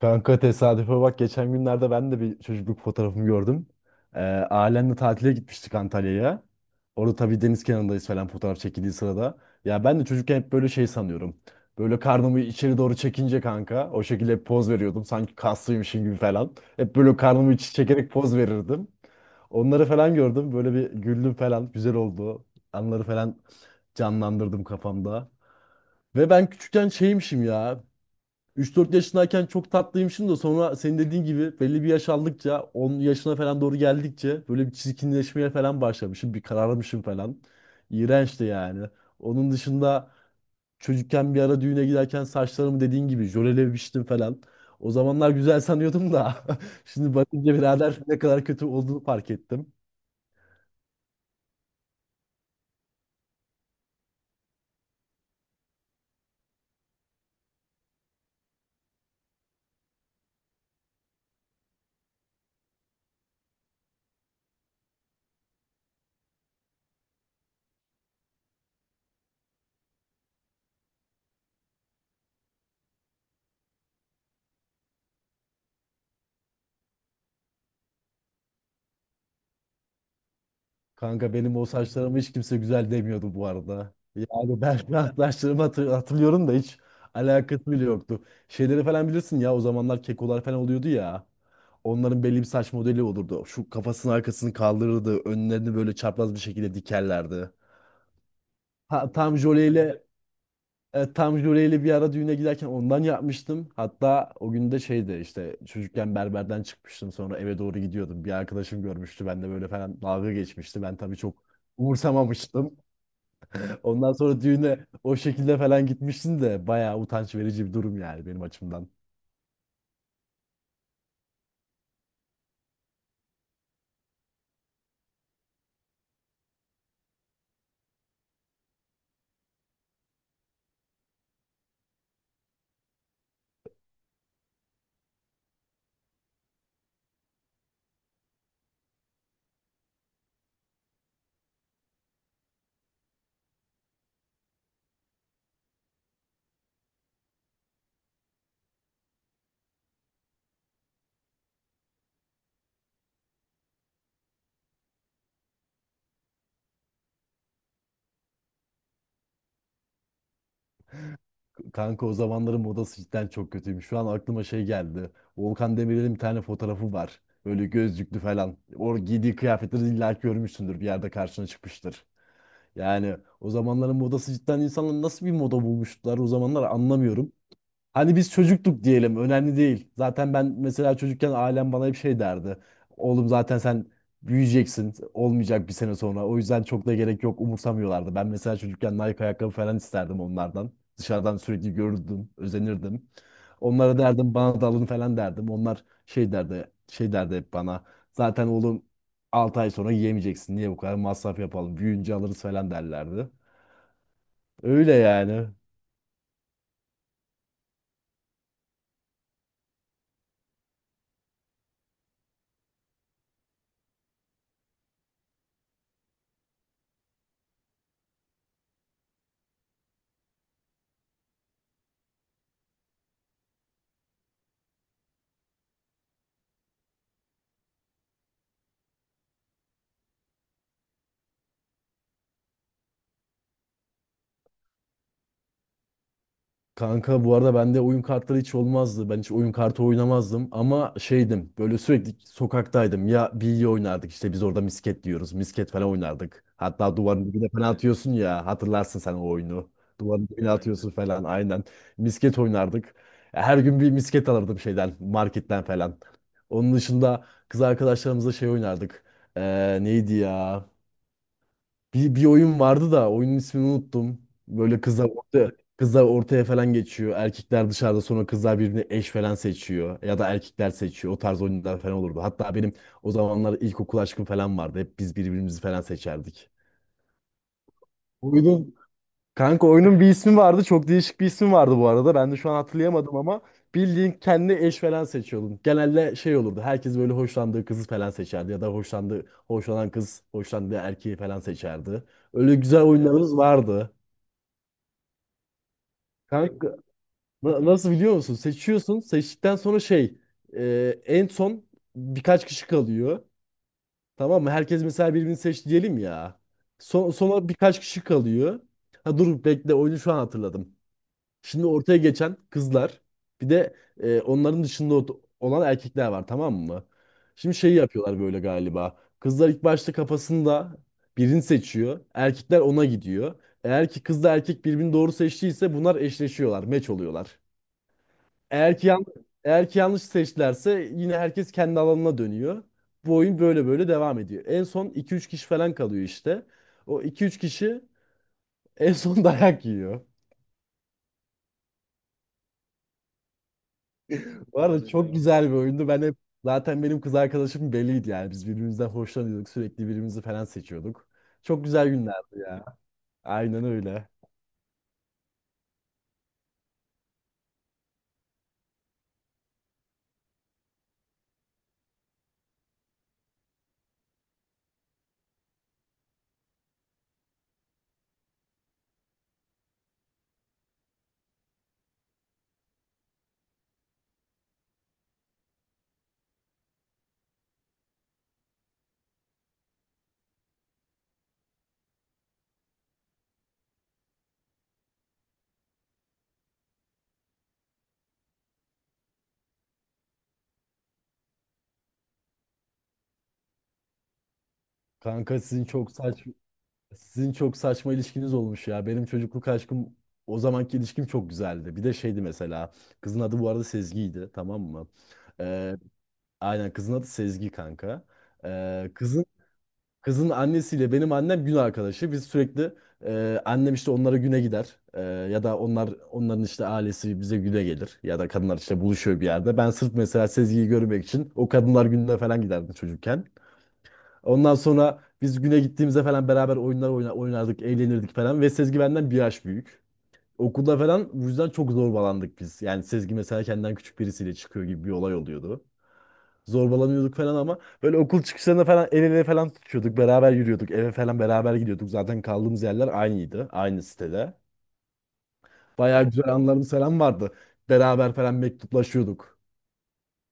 Kanka tesadüfe bak geçen günlerde ben de bir çocukluk fotoğrafımı gördüm. Ee, ailemle tatile gitmiştik Antalya'ya. Orada tabii deniz kenarındayız falan fotoğraf çekildiği sırada. Ya ben de çocukken hep böyle şey sanıyorum. Böyle karnımı içeri doğru çekince kanka o şekilde hep poz veriyordum. Sanki kaslıymışım gibi falan. Hep böyle karnımı içi çekerek poz verirdim. Onları falan gördüm. Böyle bir güldüm falan. Güzel oldu. Anları falan canlandırdım kafamda. Ve ben küçükken şeymişim ya. 3-4 yaşındayken çok tatlıymışım da sonra senin dediğin gibi belli bir yaş aldıkça 10 yaşına falan doğru geldikçe böyle bir çirkinleşmeye falan başlamışım. Bir kararmışım falan. İğrençti yani. Onun dışında çocukken bir ara düğüne giderken saçlarımı dediğin gibi jölelemiştim falan. O zamanlar güzel sanıyordum da şimdi bakınca birader ne kadar kötü olduğunu fark ettim. Kanka benim o saçlarımı hiç kimse güzel demiyordu bu arada. Yani ben saçlarımı hatırlıyorum da hiç alakası bile yoktu. Şeyleri falan bilirsin ya o zamanlar kekolar falan oluyordu ya. Onların belli bir saç modeli olurdu. Şu kafasının arkasını kaldırırdı. Önlerini böyle çapraz bir şekilde dikerlerdi. Ha, tam jöleyle Evet, tam Jule'yle bir ara düğüne giderken ondan yapmıştım. Hatta o gün de şeydi işte çocukken berberden çıkmıştım sonra eve doğru gidiyordum. Bir arkadaşım görmüştü ben de böyle falan dalga geçmişti. Ben tabii çok umursamamıştım. Ondan sonra düğüne o şekilde falan gitmiştim de bayağı utanç verici bir durum yani benim açımdan. Kanka o zamanların modası cidden çok kötüymüş. Şu an aklıma şey geldi. Volkan Demirel'in bir tane fotoğrafı var. Böyle gözlüklü falan. O giydiği kıyafetleri illa ki görmüşsündür bir yerde karşına çıkmıştır. Yani o zamanların modası cidden insanlar nasıl bir moda bulmuşlar o zamanlar anlamıyorum. Hani biz çocukluk diyelim önemli değil. Zaten ben mesela çocukken ailem bana hep şey derdi. Oğlum zaten sen büyüyeceksin olmayacak bir sene sonra. O yüzden çok da gerek yok umursamıyorlardı. Ben mesela çocukken Nike ayakkabı falan isterdim onlardan. Dışarıdan sürekli görürdüm, özenirdim. Onlara derdim bana da alın falan derdim. Onlar şey derdi, şey derdi hep bana. Zaten oğlum 6 ay sonra yiyemeyeceksin. Niye bu kadar masraf yapalım? Büyüyünce alırız falan derlerdi. Öyle yani. Kanka bu arada bende oyun kartları hiç olmazdı. Ben hiç oyun kartı oynamazdım ama şeydim böyle sürekli sokaktaydım. Ya bilye oynardık işte biz orada misket diyoruz. Misket falan oynardık. Hatta duvarın dibine falan atıyorsun ya hatırlarsın sen o oyunu. Duvarın dibine atıyorsun falan aynen. Misket oynardık. Her gün bir misket alırdım şeyden marketten falan. Onun dışında kız arkadaşlarımızla şey oynardık. Neydi ya? Bir oyun vardı da oyunun ismini unuttum. Böyle kızlar ortaya falan geçiyor. Erkekler dışarıda sonra kızlar birbirini eş falan seçiyor. Ya da erkekler seçiyor. O tarz oyunlar falan olurdu. Hatta benim o zamanlar ilkokul aşkım falan vardı. Hep biz birbirimizi falan seçerdik. Oyunun Kanka oyunun bir ismi vardı. Çok değişik bir ismi vardı bu arada. Ben de şu an hatırlayamadım ama bildiğin kendi eş falan seçiyordun. Genelde şey olurdu. Herkes böyle hoşlandığı kızı falan seçerdi ya da hoşlandığı hoşlanan kız hoşlandığı erkeği falan seçerdi. Öyle güzel oyunlarımız vardı. Kanka nasıl biliyor musun? Seçiyorsun. Seçtikten sonra en son birkaç kişi kalıyor. Tamam mı? Herkes mesela birbirini seç diyelim ya. Sonra birkaç kişi kalıyor. Ha dur bekle oyunu şu an hatırladım. Şimdi ortaya geçen kızlar bir de onların dışında olan erkekler var tamam mı? Şimdi şey yapıyorlar böyle galiba. Kızlar ilk başta kafasında birini seçiyor. Erkekler ona gidiyor. Eğer ki kızla erkek birbirini doğru seçtiyse bunlar eşleşiyorlar, meç oluyorlar. Eğer ki yanlış seçtilerse yine herkes kendi alanına dönüyor. Bu oyun böyle böyle devam ediyor. En son iki üç kişi falan kalıyor işte. O iki üç kişi en son dayak yiyor. Bu arada öyle çok diyorlar, güzel bir oyundu. Ben hep zaten benim kız arkadaşım belliydi yani. Biz birbirimizden hoşlanıyorduk. Sürekli birbirimizi falan seçiyorduk. Çok güzel günlerdi ya. Aynen öyle. Kanka sizin çok saçma ilişkiniz olmuş ya. Benim çocukluk aşkım o zamanki ilişkim çok güzeldi. Bir de şeydi mesela. Kızın adı bu arada Sezgi'ydi, tamam mı? Ee, aynen kızın adı Sezgi kanka. Ee, kızın Kızın annesiyle benim annem gün arkadaşı. Biz sürekli annem işte onlara güne gider. Ya da onların işte ailesi bize güne gelir. Ya da kadınlar işte buluşuyor bir yerde. Ben sırf mesela Sezgi'yi görmek için o kadınlar gününe falan giderdim çocukken. Ondan sonra biz güne gittiğimizde falan beraber oyunlar oynardık, eğlenirdik falan. Ve Sezgi benden bir yaş büyük. Okulda falan bu yüzden çok zorbalandık biz. Yani Sezgi mesela kendinden küçük birisiyle çıkıyor gibi bir olay oluyordu. Zorbalanıyorduk falan ama böyle okul çıkışlarında falan el ele falan tutuyorduk. Beraber yürüyorduk. Eve falan beraber gidiyorduk. Zaten kaldığımız yerler aynıydı. Aynı sitede. Bayağı güzel anılarımız falan vardı. Beraber falan mektuplaşıyorduk.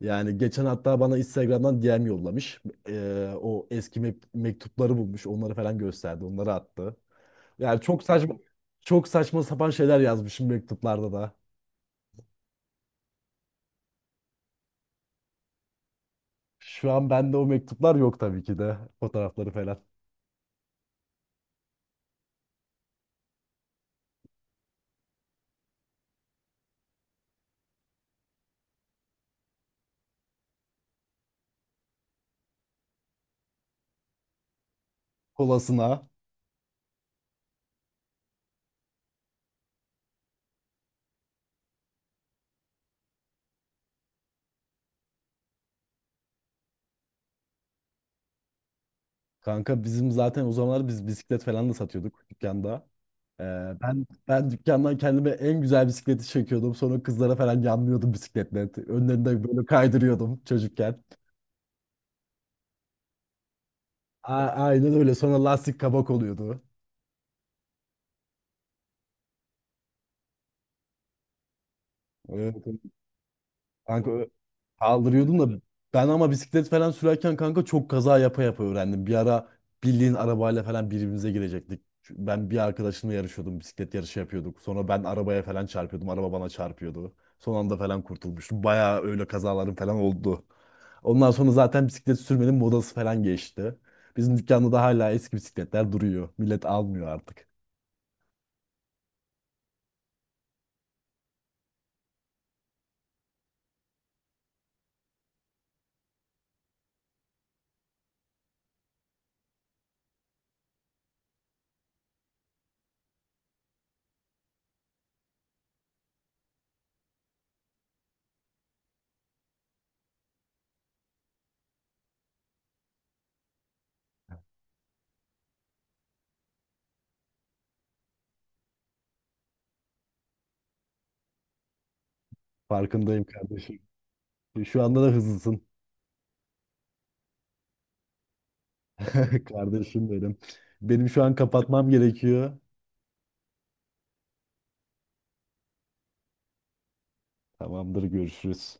Yani geçen hatta bana Instagram'dan DM yollamış. O eski mektupları bulmuş. Onları falan gösterdi. Onları attı. Yani çok saçma sapan şeyler yazmışım mektuplarda da. Şu an bende o mektuplar yok tabii ki de. Fotoğrafları falan. Kolasına. Kanka bizim zaten o zamanlar biz bisiklet falan da satıyorduk dükkanda. Ee, ben dükkandan kendime en güzel bisikleti çekiyordum. Sonra kızlara falan yanlıyordum bisikletle. Önlerinde böyle kaydırıyordum çocukken. Aynen öyle. Sonra lastik kabak oluyordu. Evet. Kanka ö- Kaldırıyordum da ben ama bisiklet falan sürerken kanka çok kaza yapa yapa öğrendim. Bir ara bildiğin arabayla falan birbirimize girecektik. Ben bir arkadaşımla yarışıyordum. Bisiklet yarışı yapıyorduk. Sonra ben arabaya falan çarpıyordum. Araba bana çarpıyordu. Son anda falan kurtulmuştum. Bayağı öyle kazalarım falan oldu. Ondan sonra zaten bisiklet sürmenin modası falan geçti. Bizim dükkanda da hala eski bisikletler duruyor. Millet almıyor artık. Farkındayım kardeşim. Şu anda da hızlısın. Kardeşim benim. Benim şu an kapatmam gerekiyor. Tamamdır, görüşürüz.